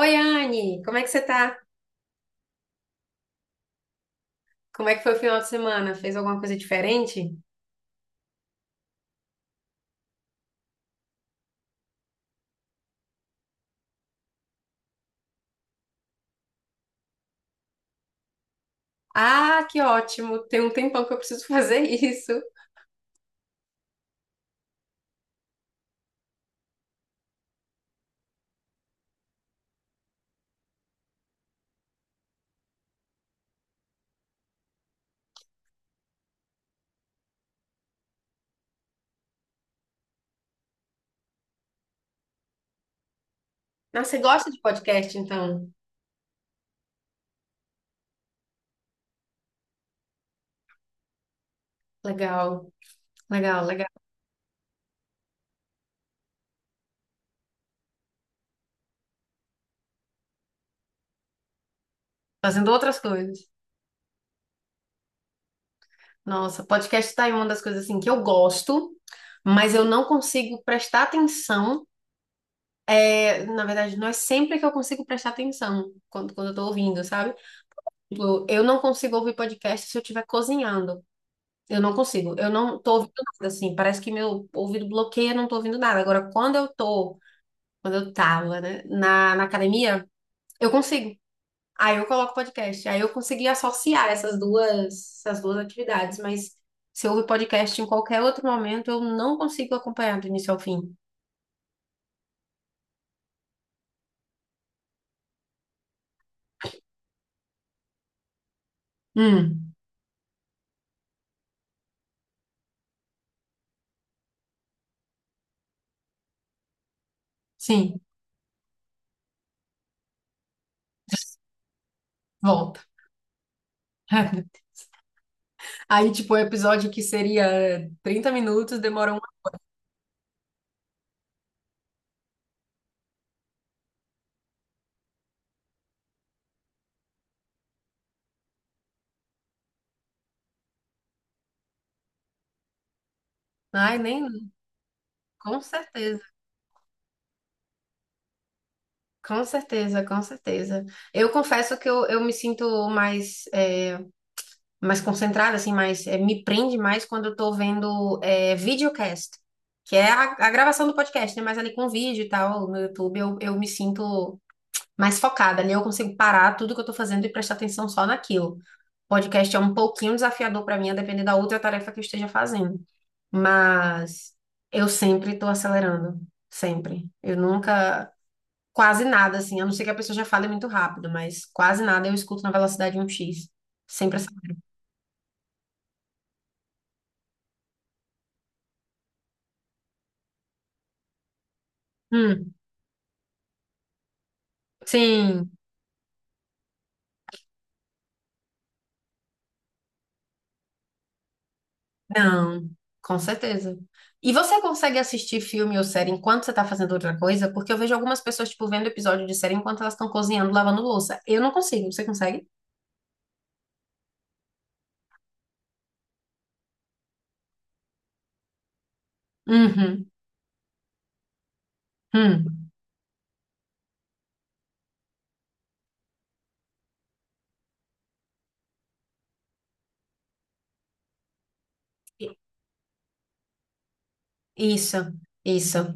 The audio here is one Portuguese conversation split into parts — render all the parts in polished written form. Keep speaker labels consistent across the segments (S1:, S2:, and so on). S1: Oi, Anne, como é que você tá? Como é que foi o final de semana? Fez alguma coisa diferente? Ah, que ótimo! Tem um tempão que eu preciso fazer isso. Nossa, você gosta de podcast, então? Legal, legal, legal. Fazendo outras coisas. Nossa, podcast tá aí uma das coisas assim que eu gosto, mas eu não consigo prestar atenção. É, na verdade, não é sempre que eu consigo prestar atenção quando eu tô ouvindo, sabe? Tipo, eu não consigo ouvir podcast se eu estiver cozinhando. Eu não consigo. Eu não tô ouvindo nada, assim. Parece que meu ouvido bloqueia, eu não tô ouvindo nada. Agora, quando eu tava, né, na academia, eu consigo. Aí eu coloco podcast. Aí eu consegui associar essas duas atividades. Mas se eu ouvir podcast em qualquer outro momento, eu não consigo acompanhar do início ao fim. Hum, sim. Volta. Aí, tipo, o episódio que seria 30 minutos demora um. Ai, nem. Com certeza. Com certeza, com certeza. Eu confesso que eu me sinto mais, mais concentrada, assim, mais, me prende mais quando eu tô vendo videocast, que é a gravação do podcast, né? Mas ali com vídeo e tal, no YouTube, eu me sinto mais focada, ali eu consigo parar tudo que eu tô fazendo e prestar atenção só naquilo. Podcast é um pouquinho desafiador para mim, a depender da outra tarefa que eu esteja fazendo. Mas eu sempre tô acelerando, sempre. Eu nunca quase nada, assim, a não ser que a pessoa já fale muito rápido, mas quase nada eu escuto na velocidade um x. Sempre essa. Hum, sim, não, com certeza. E você consegue assistir filme ou série enquanto você tá fazendo outra coisa? Porque eu vejo algumas pessoas, tipo, vendo episódio de série enquanto elas estão cozinhando, lavando louça. Eu não consigo, você consegue? Uhum, hum. Isso, isso,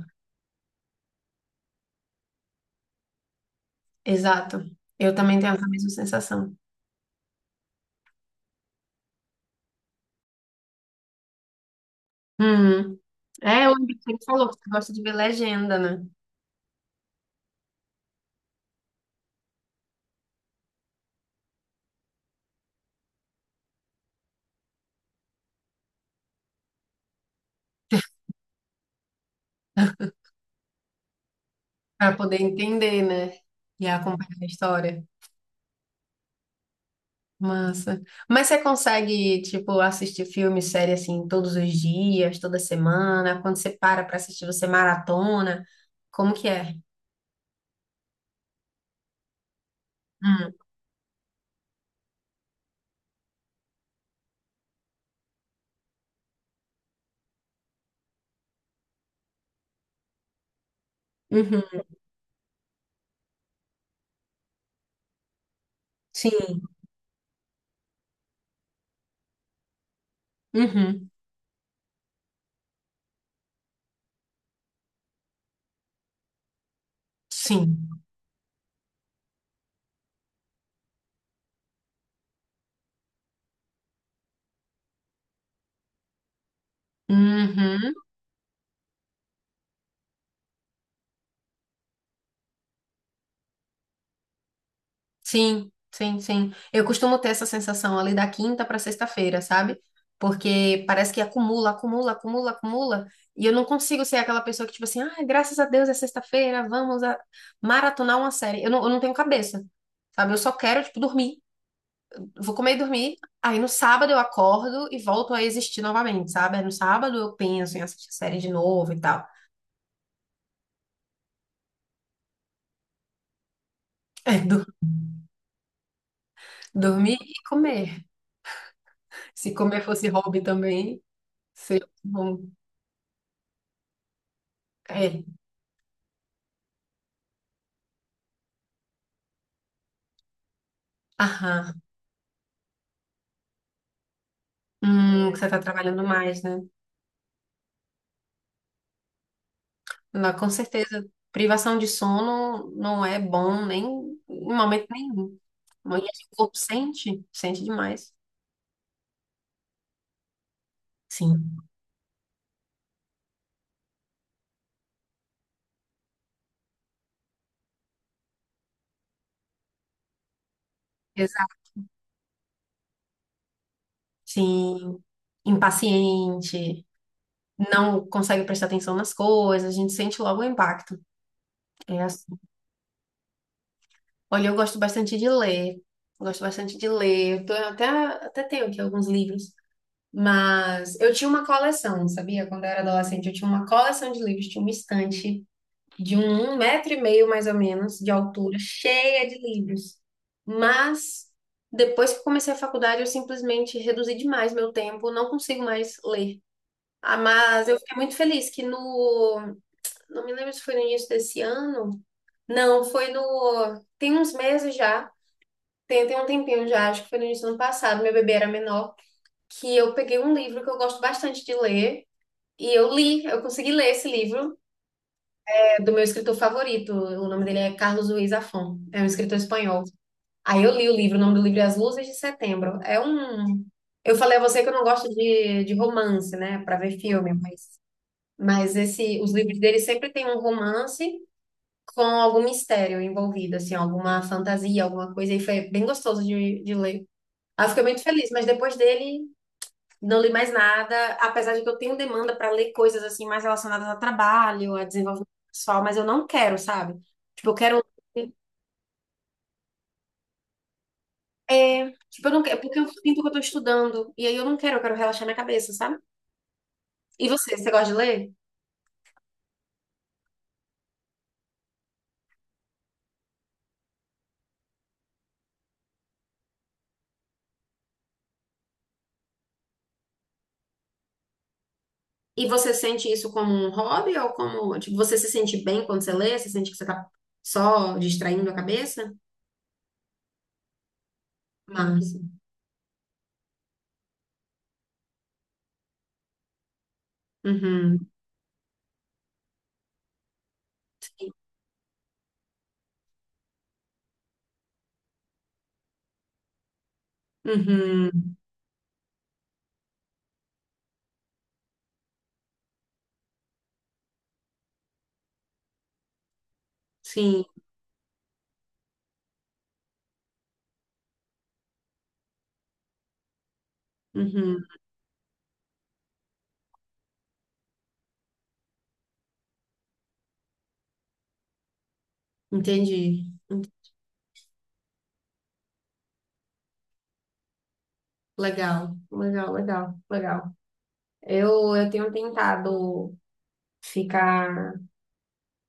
S1: exato. Eu também tenho essa mesma sensação. Uhum. É, o que você falou, que você gosta de ver legenda, né? Para poder entender, né? E acompanhar a história. Massa. Mas você consegue, tipo, assistir filme, série, assim, todos os dias, toda semana? Quando você para pra assistir, você maratona? Como que é? Hum. Uhum. Sim. Uhum. Sim. Uhum. Sim, sim, sim. Eu costumo ter essa sensação ali da quinta para sexta-feira, sabe? Porque parece que acumula, acumula, acumula, acumula. E eu não consigo ser aquela pessoa que, tipo assim, ah, graças a Deus é sexta-feira, maratonar uma série. Eu não tenho cabeça, sabe? Eu só quero, tipo, dormir. Vou comer e dormir. Aí no sábado eu acordo e volto a existir novamente, sabe? Aí no sábado eu penso em assistir série de novo e tal. É, dormir e comer. Se comer fosse hobby também, seria bom. É. Aham. Que você está trabalhando mais, né? Não, com certeza, privação de sono não é bom nem em momento nenhum. E o corpo sente, sente demais. Sim, exato. Sim, impaciente, não consegue prestar atenção nas coisas, a gente sente logo o impacto. É assim. Olha, eu gosto bastante de ler, gosto bastante de ler. Eu tô- eu até, até tenho aqui alguns livros, mas eu tinha uma coleção, sabia? Quando eu era adolescente, eu tinha uma coleção de livros, tinha uma estante de um metro e meio, mais ou menos, de altura, cheia de livros. Mas depois que comecei a faculdade, eu simplesmente reduzi demais meu tempo, não consigo mais ler. Ah, mas eu fiquei muito feliz que no. Não me lembro se foi no início desse ano. Não, foi no. Tem uns meses já. Tem um tempinho já, acho que foi no início do ano passado, meu bebê era menor, que eu peguei um livro que eu gosto bastante de ler, e eu li, eu consegui ler esse livro, é do meu escritor favorito. O nome dele é Carlos Ruiz Zafón. É um escritor espanhol. Aí eu li o livro, o nome do livro é As Luzes de Setembro. É um. Eu falei a você que eu não gosto de romance, né, para ver filme, mas esse, os livros dele sempre tem um romance com algum mistério envolvido, assim, alguma fantasia, alguma coisa, e foi bem gostoso de ler. Aí eu fiquei muito feliz, mas depois dele não li mais nada, apesar de que eu tenho demanda para ler coisas assim mais relacionadas ao trabalho, a desenvolvimento pessoal, mas eu não quero, sabe? Tipo, eu quero. É, tipo, eu não quero, porque eu sinto que eu tô estudando, e aí eu não quero, eu quero relaxar minha cabeça, sabe? E você gosta de ler? E você sente isso como um hobby ou como, tipo, você se sente bem quando você lê? Você sente que você tá só distraindo a cabeça? Massa. Uhum, uhum, sim, uhum, entendi. Legal, legal, legal, legal. Eu tenho tentado ficar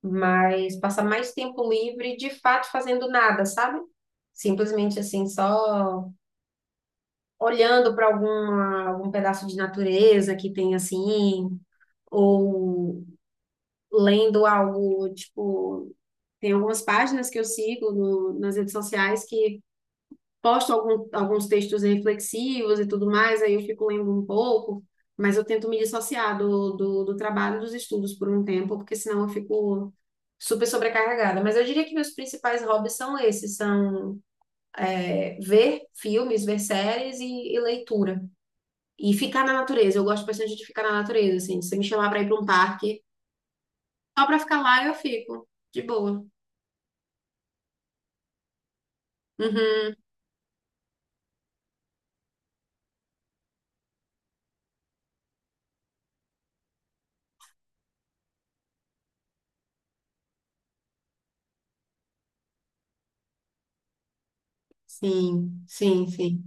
S1: mais, passar mais tempo livre, de fato, fazendo nada, sabe? Simplesmente assim, só olhando para algum pedaço de natureza que tem assim, ou lendo algo, tipo, tem algumas páginas que eu sigo nas redes sociais que posto alguns textos reflexivos e tudo mais, aí eu fico lendo um pouco, mas eu tento me dissociar do trabalho e dos estudos por um tempo, porque senão eu fico super sobrecarregada. Mas eu diria que meus principais hobbies são esses, ver filmes, ver séries e leitura. E ficar na natureza, eu gosto bastante de ficar na natureza, assim, se você me chamar para ir para um parque, só para ficar lá eu fico, de boa. Uhum, sim, sim, sim,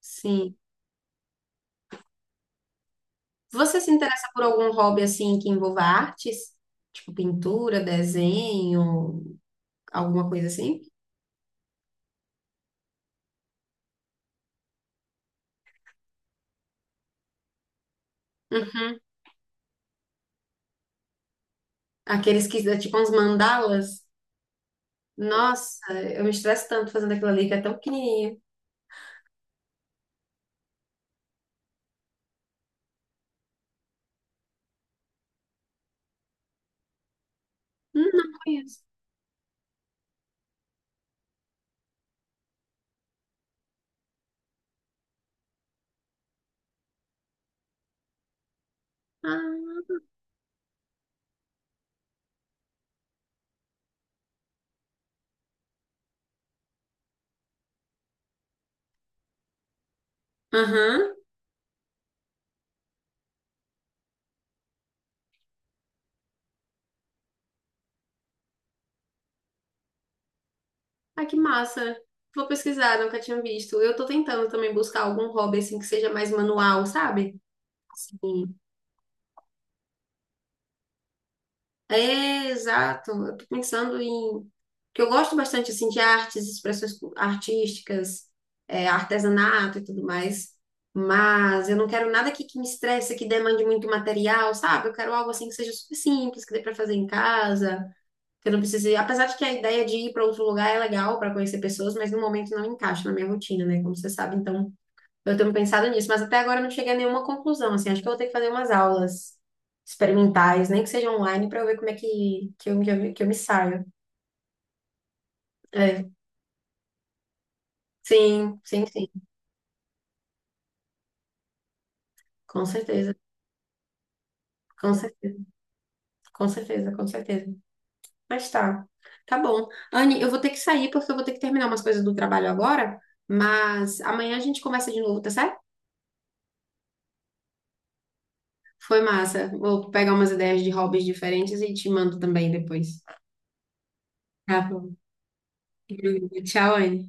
S1: sim. Você se interessa por algum hobby assim que envolva artes? Tipo pintura, desenho, alguma coisa assim? Uhum. Aqueles que dá tipo uns mandalas. Nossa, eu me estresso tanto fazendo aquilo ali que é tão pequenininho. Não conheço. Ah. Aham. Ah, que massa. Vou pesquisar, nunca tinha visto. Eu tô tentando também buscar algum hobby assim que seja mais manual, sabe? Assim, é, exato. Eu tô pensando em... que eu gosto bastante, assim, de artes, expressões artísticas, artesanato e tudo mais. Mas eu não quero nada que me estresse, que demande muito material, sabe? Eu quero algo, assim, que seja super simples, que dê pra fazer em casa, que eu não precise... Apesar de que a ideia de ir para outro lugar é legal para conhecer pessoas, mas no momento não encaixa na minha rotina, né? Como você sabe, então... Eu tenho pensado nisso, mas até agora eu não cheguei a nenhuma conclusão, assim, acho que eu vou ter que fazer umas aulas experimentais, nem que seja online, para eu ver como é que eu me saio. É, sim, sim, sim, com certeza, com certeza, com certeza, com certeza. Mas tá bom. Anne, eu vou ter que sair porque eu vou ter que terminar umas coisas do trabalho agora, mas amanhã a gente conversa de novo, tá certo? Foi massa. Vou pegar umas ideias de hobbies diferentes e te mando também depois. Tá bom. Tchau, Anne.